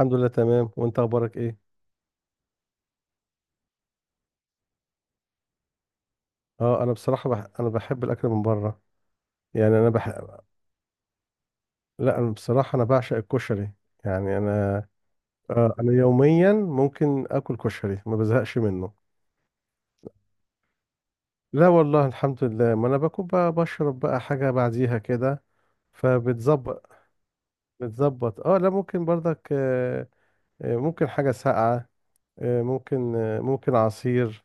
الحمد لله تمام، وانت اخبارك ايه؟ اه انا بصراحه انا بحب الاكل من بره. يعني انا بح... لا انا بصراحه انا بعشق الكشري. يعني انا آه انا يوميا ممكن اكل كشري ما بزهقش منه. لا والله الحمد لله، ما انا باكل بقى بشرب بقى حاجه بعديها كده فبتظبط. بتظبط، اه لا ممكن برضك، آه آه، ممكن حاجه ساقعه، آه ممكن، آه ممكن عصير،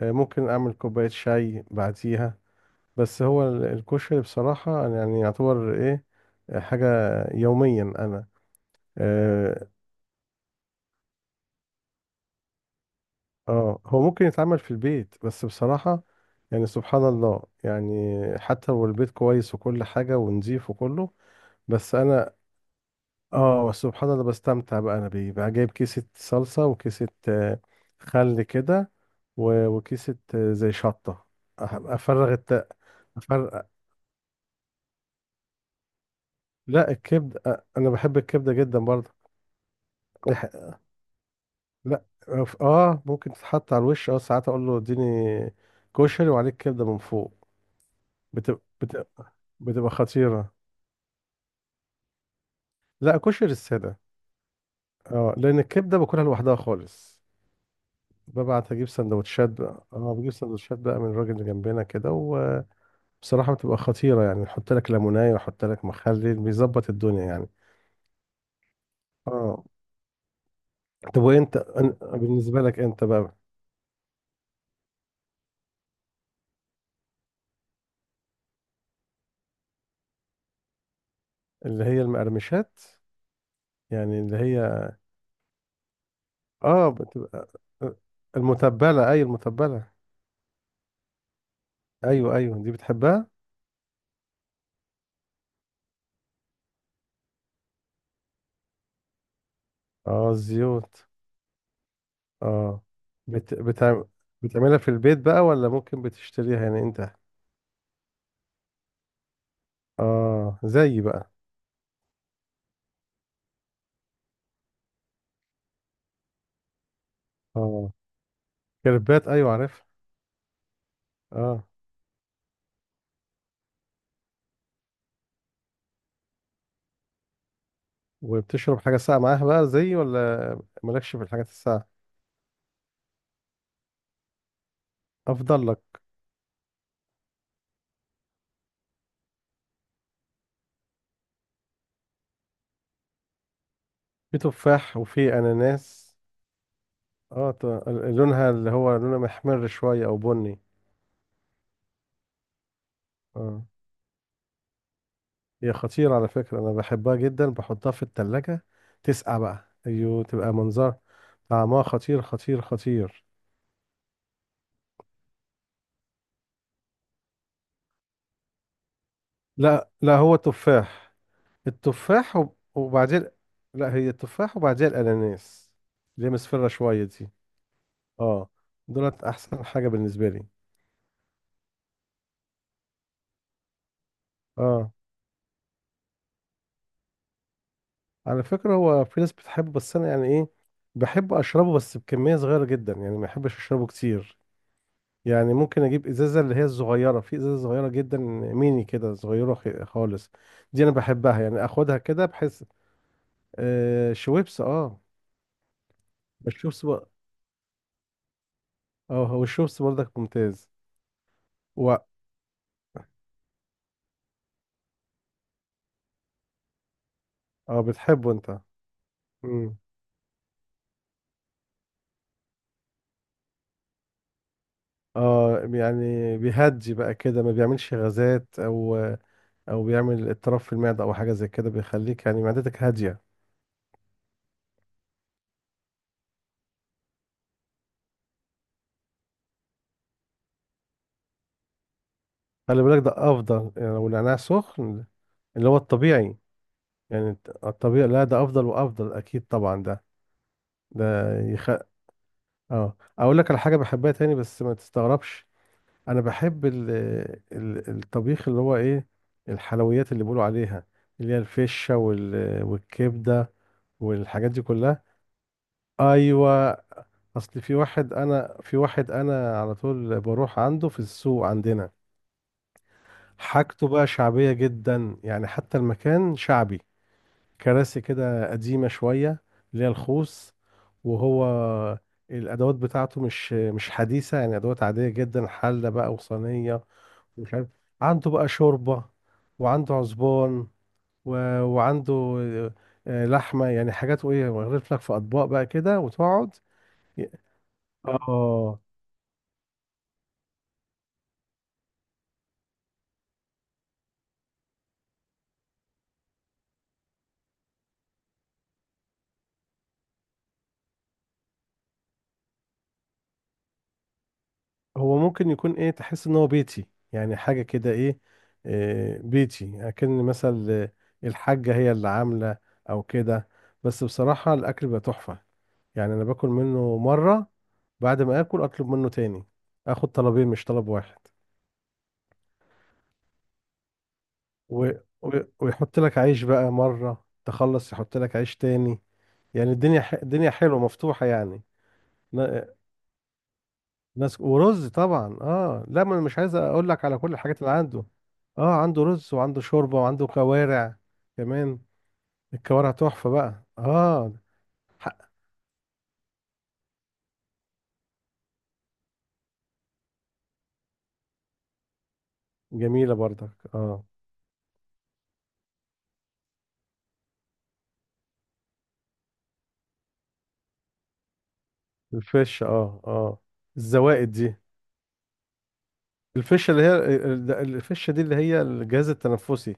آه ممكن اعمل كوبايه شاي بعديها. بس هو الكشري بصراحة أنا يعني يعتبر إيه، حاجة يوميا أنا. آه، آه هو ممكن يتعمل في البيت بس بصراحة يعني سبحان الله، يعني حتى لو البيت كويس وكل حاجة ونظيف وكله، بس أنا آه سبحان الله بستمتع بقى أنا بيه بقى، جايب كيسة صلصة وكيسة، آه، خل كده، وكيسة آه، زي شطة. أح- أفرغ الت... أفرغ... لا الكبدة أنا بحب الكبدة جدا برضه. لا آه، ممكن تتحط على الوش، اه ساعات اقول له اديني كشري وعليك كبده من فوق، بتبقى بتبقى, بتبقى خطيره. لا كشري الساده، اه لان الكبده باكلها لوحدها خالص، ببعت اجيب سندوتشات بقى، اه بجيب سندوتشات بقى من الراجل اللي جنبنا كده. وبصراحه بتبقى خطيره، يعني يحط لك ليمونيه ويحط لك مخلل، بيظبط الدنيا يعني. اه. طب وانت بالنسبه لك انت بقى؟ اللي هي المقرمشات، يعني اللي هي، اه بتبقى آه، المتبله، اي المتبله. ايوه ايوه، دي بتحبها. اه الزيوت. اه. بت... بتع... بتعملها في البيت بقى ولا ممكن بتشتريها يعني انت؟ اه زي بقى. اه كريبات ايوه عارف. اه. وبتشرب حاجه ساقعه معاها بقى زي، ولا مالكش في الحاجات الساقعه؟ افضل لك. في تفاح وفي اناناس. اه لونها اللي هو لونها محمر شويه او بني. اه هي خطيرة على فكرة، أنا بحبها جدا بحطها في التلاجة، تسقع بقى، أيوه تبقى منظر، طعمها خطير خطير خطير. لا لا، هو تفاح، وبعدين، لا هي التفاح وبعدين الأناناس اللي هي مصفرة شوية دي. اه. دولت أحسن حاجة بالنسبة لي. اه على فكرة هو في ناس بتحبه، بس أنا يعني إيه، بحب أشربه بس بكمية صغيرة جدا، يعني ما بحبش أشربه كتير. يعني ممكن اجيب ازازه اللي هي الصغيره، في ازازه صغيره جدا ميني كده صغيره خالص، دي انا بحبها، يعني اخدها كده بحيث. آه شويبس اه. الشويبس بق- اه هو الشويبس برضك ممتاز. و... اه بتحبه انت. امم. اه يعني بيهدي بقى كده، ما بيعملش غازات، او او بيعمل اضطراب في المعده او حاجه زي كده، بيخليك يعني معدتك هاديه. خلي بالك ده افضل، يعني لو النعناع سخن، اللي هو الطبيعي، يعني الطبيعي، لا ده افضل وافضل اكيد طبعا، ده يخ... اه اقول لك على حاجه بحبها تاني بس ما تستغربش. انا بحب الطبيخ، اللي هو ايه، الحلويات اللي بيقولوا عليها، اللي هي الفشه والكبده والحاجات دي كلها. ايوه، اصل في واحد انا على طول بروح عنده في السوق عندنا. حاجته بقى شعبيه جدا، يعني حتى المكان شعبي، كراسي كده قديمة شوية اللي هي الخوص، وهو الأدوات بتاعته مش حديثة، يعني أدوات عادية جدا، حلة بقى وصينية ومش عارف. عنده بقى شوربة، وعنده عزبان، و... وعنده آه، لحمة، يعني حاجات وإيه، ويغرف لك في أطباق بقى كده وتقعد. ي- آه. هو ممكن يكون ايه، تحس ان هو بيتي، يعني حاجة كده ايه، آه، بيتي اكن مثلا، آه، الحاجة هي اللي عاملة او كده. بس بصراحة الاكل بقى تحفة، يعني انا باكل منه مرة بعد ما اكل اطلب منه تاني، اخد طلبين مش طلب واحد. و... و... ويحط لك عيش بقى، مرة تخلص يحط لك عيش تاني، يعني الدنيا الدنيا حلوة مفتوحة يعني. ن- ناس ورز طبعا، اه لا ما انا مش عايز اقول لك على كل الحاجات اللي عنده. اه عنده رز وعنده شوربه وعنده كوارع كمان، الكوارع تحفه بقى اه. حق. جميله برضك اه. الفشه اه اه، الزوائد دي، الفشه اللي هي الفشه دي اللي هي الجهاز التنفسي،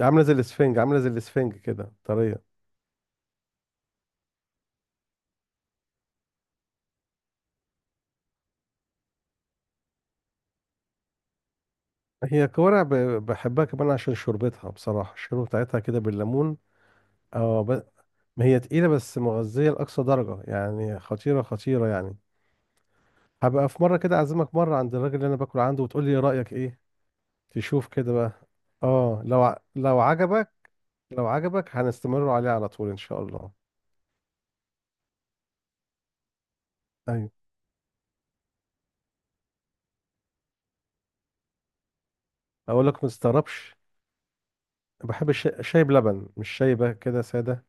عامله زي الاسفنج، عامله زي الاسفنج كده طريه. هي كوارع بحبها كمان عشان شوربتها، بصراحه الشوربه بتاعتها كده بالليمون اه، ما هي تقيلة بس مغذية لأقصى درجة، يعني خطيرة خطيرة يعني. هبقى في مرة كده أعزمك مرة عند الراجل اللي أنا باكل عنده وتقول لي رأيك إيه. تشوف كده بقى. آه لو عجبك، لو عجبك هنستمر عليه على طول إن شاء الله. أيوة. أقول لك ما تستغربش، بحب الشاي، شاي بلبن مش شاي بقى كده سادة.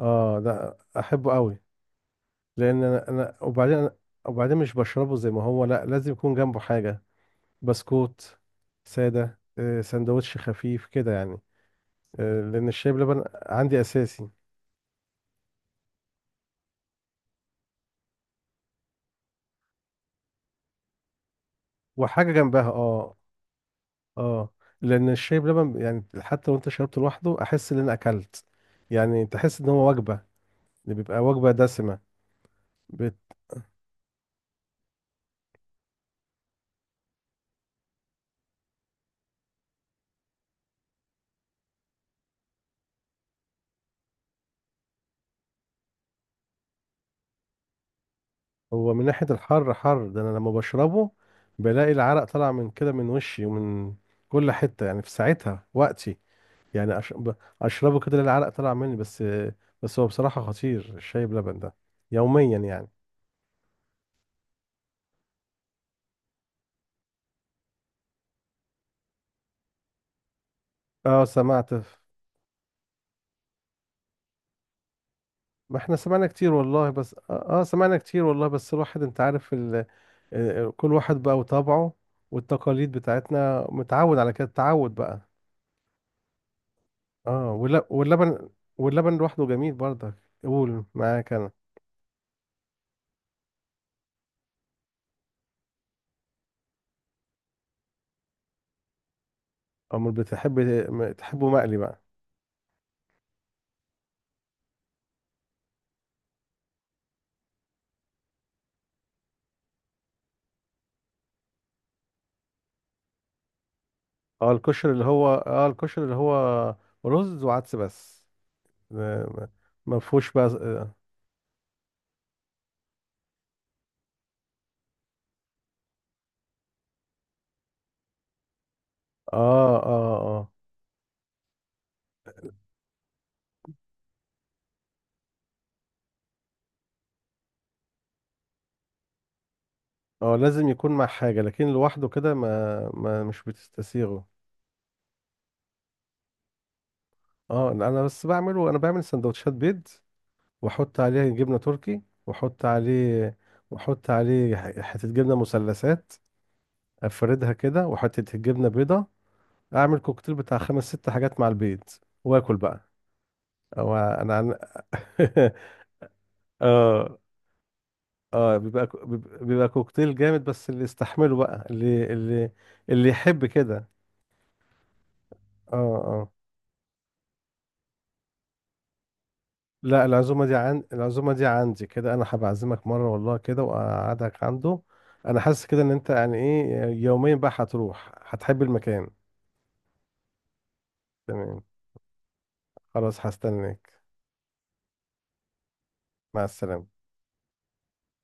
آه ده أحبه قوي. لأن أنا أنا وبعدين أنا... وبعدين مش بشربه زي ما هو، لا لازم يكون جنبه حاجة، بسكوت سادة، آه، سندوتش خفيف كده يعني، آه، لان الشاي بلبن عندي اساسي وحاجه جنبها اه. اه لان الشاي بلبن يعني حتى لو انت شربته لوحده احس ان انا اكلت، يعني تحس ان هو وجبه، اللي بيبقى وجبه دسمه. بت... هو من ناحيه الحر، حر ده انا لما بشربه بلاقي العرق طالع من كده، من وشي ومن كل حته يعني، في ساعتها وقتي يعني، اشربه كده العرق طالع مني بس، بس هو بصراحه خطير الشاي بلبن ده يوميا يعني. اه سمعت، ما احنا سمعنا كتير والله، بس اه آه، سمعنا كتير والله بس الواحد انت عارف آه، آه، كل واحد بقى وطبعه، والتقاليد بتاعتنا متعود على كده، تعود بقى. اه واللبن، واللبن لوحده جميل برضك. قول معاك انا. امال بتحب، تحبه مقلي بقى؟ اه الكشري اللي هو رز وعدس بس، آه، ما فيهوش بقى اه اه اه اه. آه، لازم يكون مع حاجة، لكن لوحده كده ما مش بتستسيغه. اه لا، انا بس بعمله، انا بعمل سندوتشات بيض واحط عليه جبنه تركي، واحط عليه واحط عليه حته جبنه مثلثات، افردها كده، وحته جبنه بيضه، اعمل كوكتيل بتاع خمس ست حاجات مع البيض واكل بقى. او انا عن... اه اه بيبقى كوكتيل جامد، بس اللي يستحمله بقى، اللي يحب كده. اه آه. لا العزومة دي، العزومة دي عندي كده، أنا هبعزمك مرة والله كده وأقعدك عنده. أنا حاسس كده إن أنت يعني إيه يومين بقى هتروح هتحب المكان. تمام، خلاص هستناك. مع السلامة.